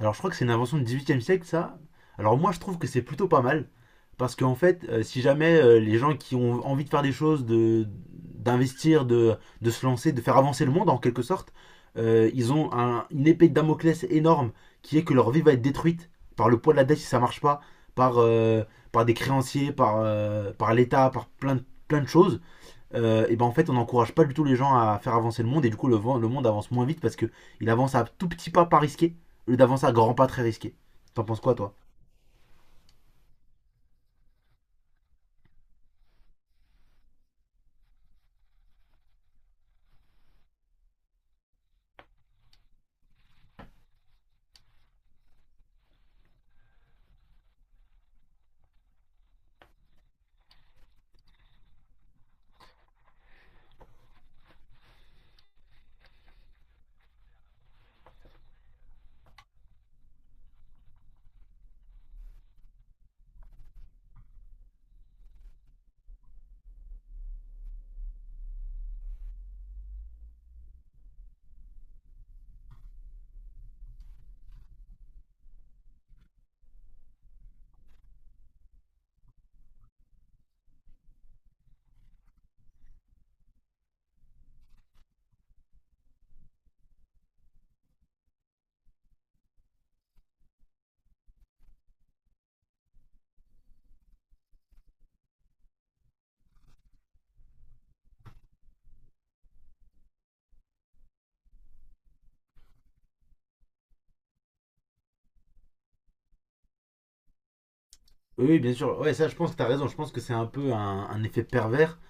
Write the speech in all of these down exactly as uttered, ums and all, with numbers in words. Alors, je crois que c'est une invention du dix-huitième siècle, ça. Alors, moi, je trouve que c'est plutôt pas mal. Parce qu'en fait, euh, si jamais euh, les gens qui ont envie de faire des choses, de, d'investir, de, de se lancer, de faire avancer le monde en quelque sorte, euh, ils ont un- une épée de Damoclès énorme qui est que leur vie va être détruite par le poids de la dette si ça marche pas, par, euh, par des créanciers, par, euh, par l'État, par plein de, plein de choses euh, et ben en fait on n'encourage pas du tout les gens à faire avancer le monde. Et du coup le, le monde avance moins vite parce que il avance à tout petit pas pas risqué au lieu d'avancer à grands pas très risqué. T'en penses quoi toi? Oui oui, bien sûr, ouais ça je pense que t'as raison, je pense que c'est un peu un, un effet pervers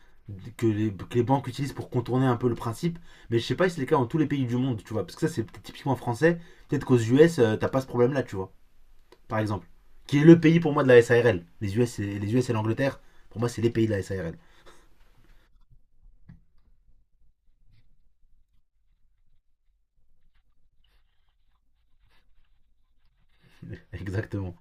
que les, que les banques utilisent pour contourner un peu le principe, mais je sais pas si c'est le cas dans tous les pays du monde, tu vois, parce que ça c'est peut-être typiquement français, peut-être qu'aux U S euh, t'as pas ce problème là, tu vois, par exemple, qui est le pays pour moi de la S A R L. Les U S et, les U S et l'Angleterre, pour moi c'est les pays de la S A R L. Exactement.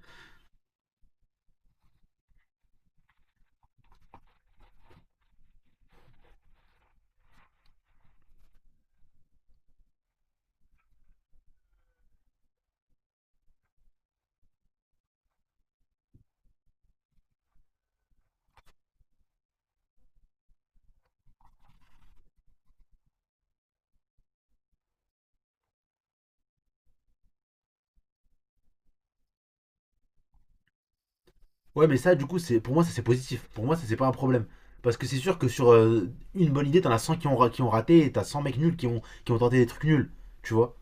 Ouais, mais ça, du coup, c'est pour moi, ça c'est positif. Pour moi, ça c'est pas un problème. Parce que c'est sûr que sur euh, une bonne idée, t'en as cent qui ont, ra- qui ont raté et t'as cent mecs nuls qui ont, qui ont tenté des trucs nuls. Tu vois?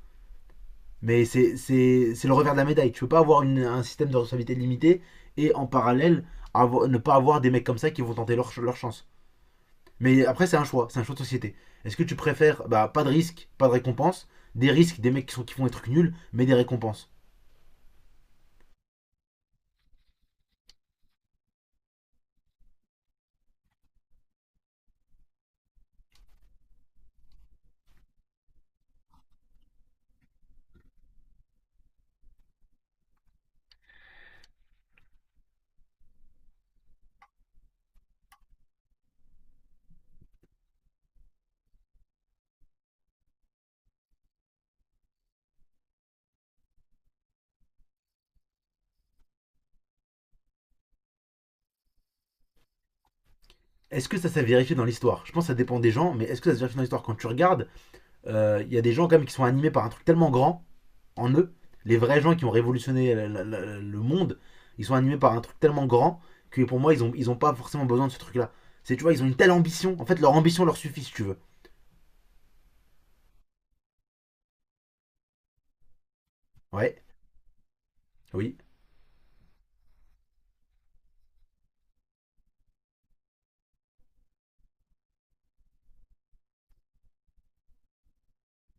Mais c'est c'est- c'est le revers de la médaille. Tu peux pas avoir une- un système de responsabilité limité et en parallèle avoir- ne pas avoir des mecs comme ça qui vont tenter leur, ch- leur chance. Mais après, c'est un choix. C'est un choix de société. Est-ce que tu préfères bah, pas de risque, pas de récompense, des risques, des mecs qui, sont, qui font des trucs nuls, mais des récompenses? Est-ce que ça s'est vérifié dans l'histoire? Je pense que ça dépend des gens, mais est-ce que ça s'est vérifié dans l'histoire quand tu regardes? euh, il y a des gens quand même qui sont animés par un truc tellement grand en eux. Les vrais gens qui ont révolutionné la- la- la- le monde, ils sont animés par un truc tellement grand que pour moi, ils ont, ils ont pas forcément besoin de ce truc-là. C'est, tu vois, ils ont une telle ambition. En fait, leur ambition leur suffit, si tu veux. Ouais, oui,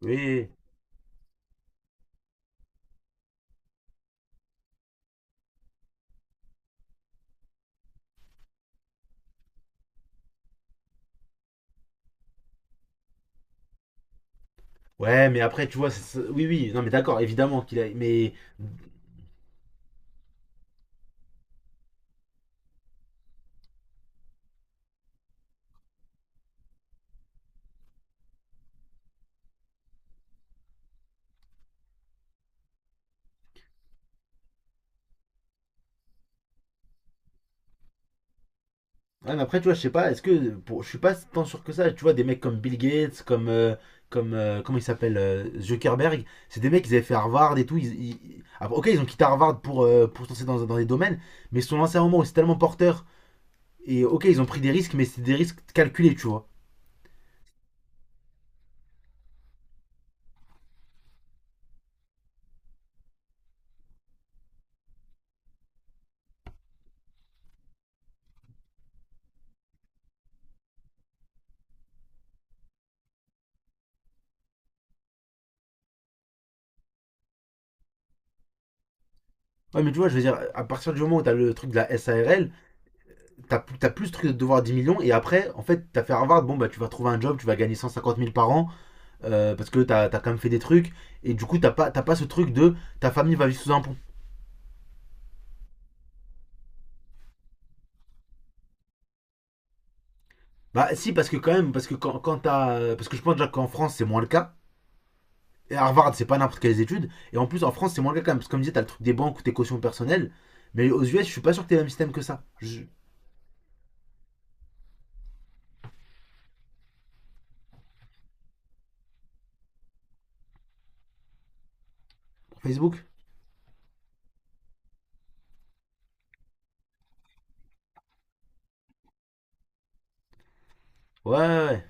oui. Ouais, mais après, tu vois, c'est- c'est- oui, oui, non, mais d'accord, évidemment qu'il a. Mais ouais, mais après, tu vois, je sais pas, est-ce que. Pour, je suis pas tant sûr que ça. Tu vois, des mecs comme Bill Gates, comme. euh, comme euh, comment il s'appelle euh, Zuckerberg, c'est des mecs, qui avaient fait Harvard et tout. Ils, ils- Après, ok, ils ont quitté Harvard pour, euh, pour se lancer dans, dans des domaines, mais ils se sont lancés à un moment où c'est tellement porteur. Et ok, ils ont pris des risques, mais c'était des risques calculés, tu vois. Ouais, mais tu vois, je veux dire, à partir du moment où t'as le truc de la S A R L, t'as plus, t'as plus ce truc de devoir dix millions, et après, en fait, t'as fait Harvard, bon, bah, tu vas trouver un job, tu vas gagner cent cinquante mille par an, euh, parce que t'as as quand même fait des trucs, et du coup, t'as pas, t'as pas ce truc de ta famille va vivre sous un pont. Bah, si, parce que quand même, parce que quand, quand t'as. Parce que je pense déjà qu'en France, c'est moins le cas. Et Harvard, c'est pas n'importe quelles études. Et en plus, en France, c'est moins le cas quand même. Parce que comme je disais, t'as le truc des banques ou tes cautions personnelles. Mais aux U S, je suis pas sûr que t'aies le même système que ça. Je- Facebook. Ouais, ouais,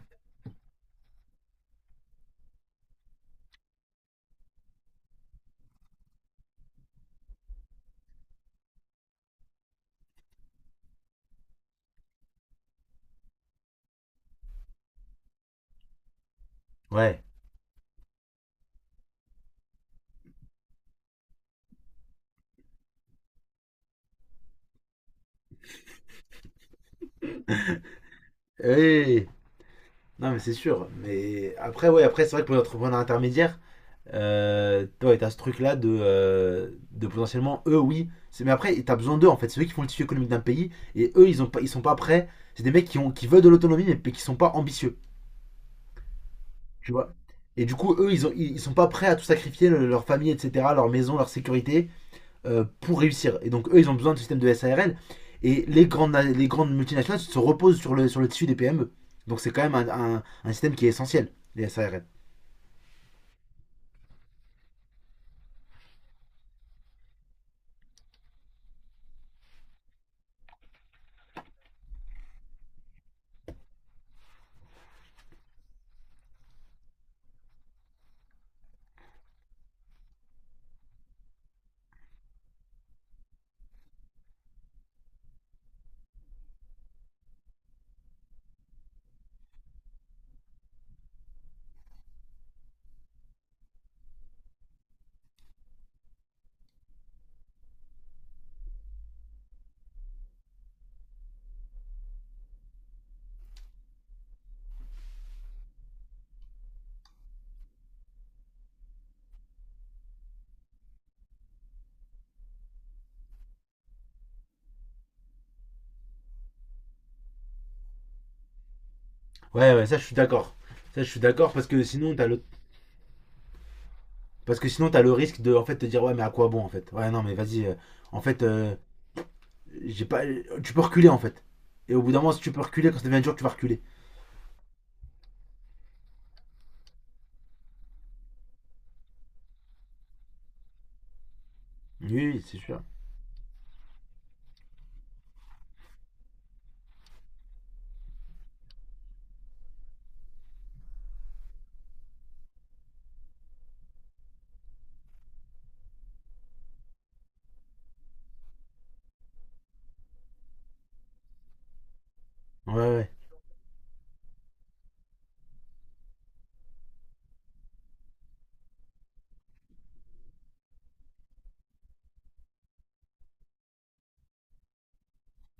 ouais. Ouais. Hey. Non, mais c'est sûr. Mais après, ouais, après, c'est vrai que pour les entrepreneurs intermédiaires, euh, ouais, t'as ce truc-là de, euh, de potentiellement, eux, oui. c'est- Mais après, t'as besoin d'eux, en fait. C'est eux qui font le tissu économique d'un pays. Et eux, ils, ont pas, ils sont pas prêts. C'est des mecs qui, ont, qui veulent de l'autonomie, mais qui sont pas ambitieux. Tu vois. Et du coup, eux, ils, ont, ils, ils sont pas prêts à tout sacrifier, le- leur famille, et cetera, leur maison, leur sécurité, euh, pour réussir. Et donc, eux, ils ont besoin de système de S A R L. Et les grandes, les grandes multinationales se reposent sur le, sur le tissu des P M E. Donc, c'est quand même un, un, un système qui est essentiel, les S A R L. Ouais, ouais, ça je suis d'accord. Ça je suis d'accord parce que sinon t'as le parce que sinon t'as le risque de en fait te dire ouais mais à quoi bon en fait. Ouais non mais vas-y. Euh, en fait euh, j'ai pas tu peux reculer en fait. Et au bout d'un moment si tu peux reculer quand ça devient dur tu vas reculer. Oui, oui, c'est sûr. Ouais ouais.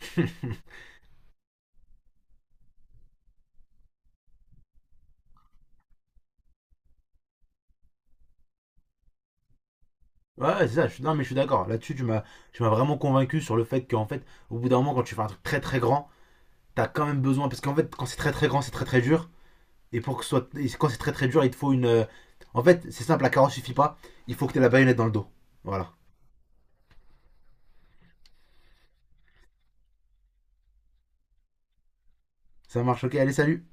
Ouais ouais, c'est ça. Je suis... Non mais je suis d'accord. Là-dessus tu m'as tu m'as vraiment convaincu sur le fait qu'en fait au bout d'un moment quand tu fais un truc très très grand t'as quand même besoin, parce qu'en fait quand c'est très très grand c'est très très dur, et pour que ce soit et quand c'est très très dur il te faut une euh, en fait c'est simple, la carotte suffit pas, il faut que t'aies la baïonnette dans le dos. Voilà. Ça marche, ok. Allez, salut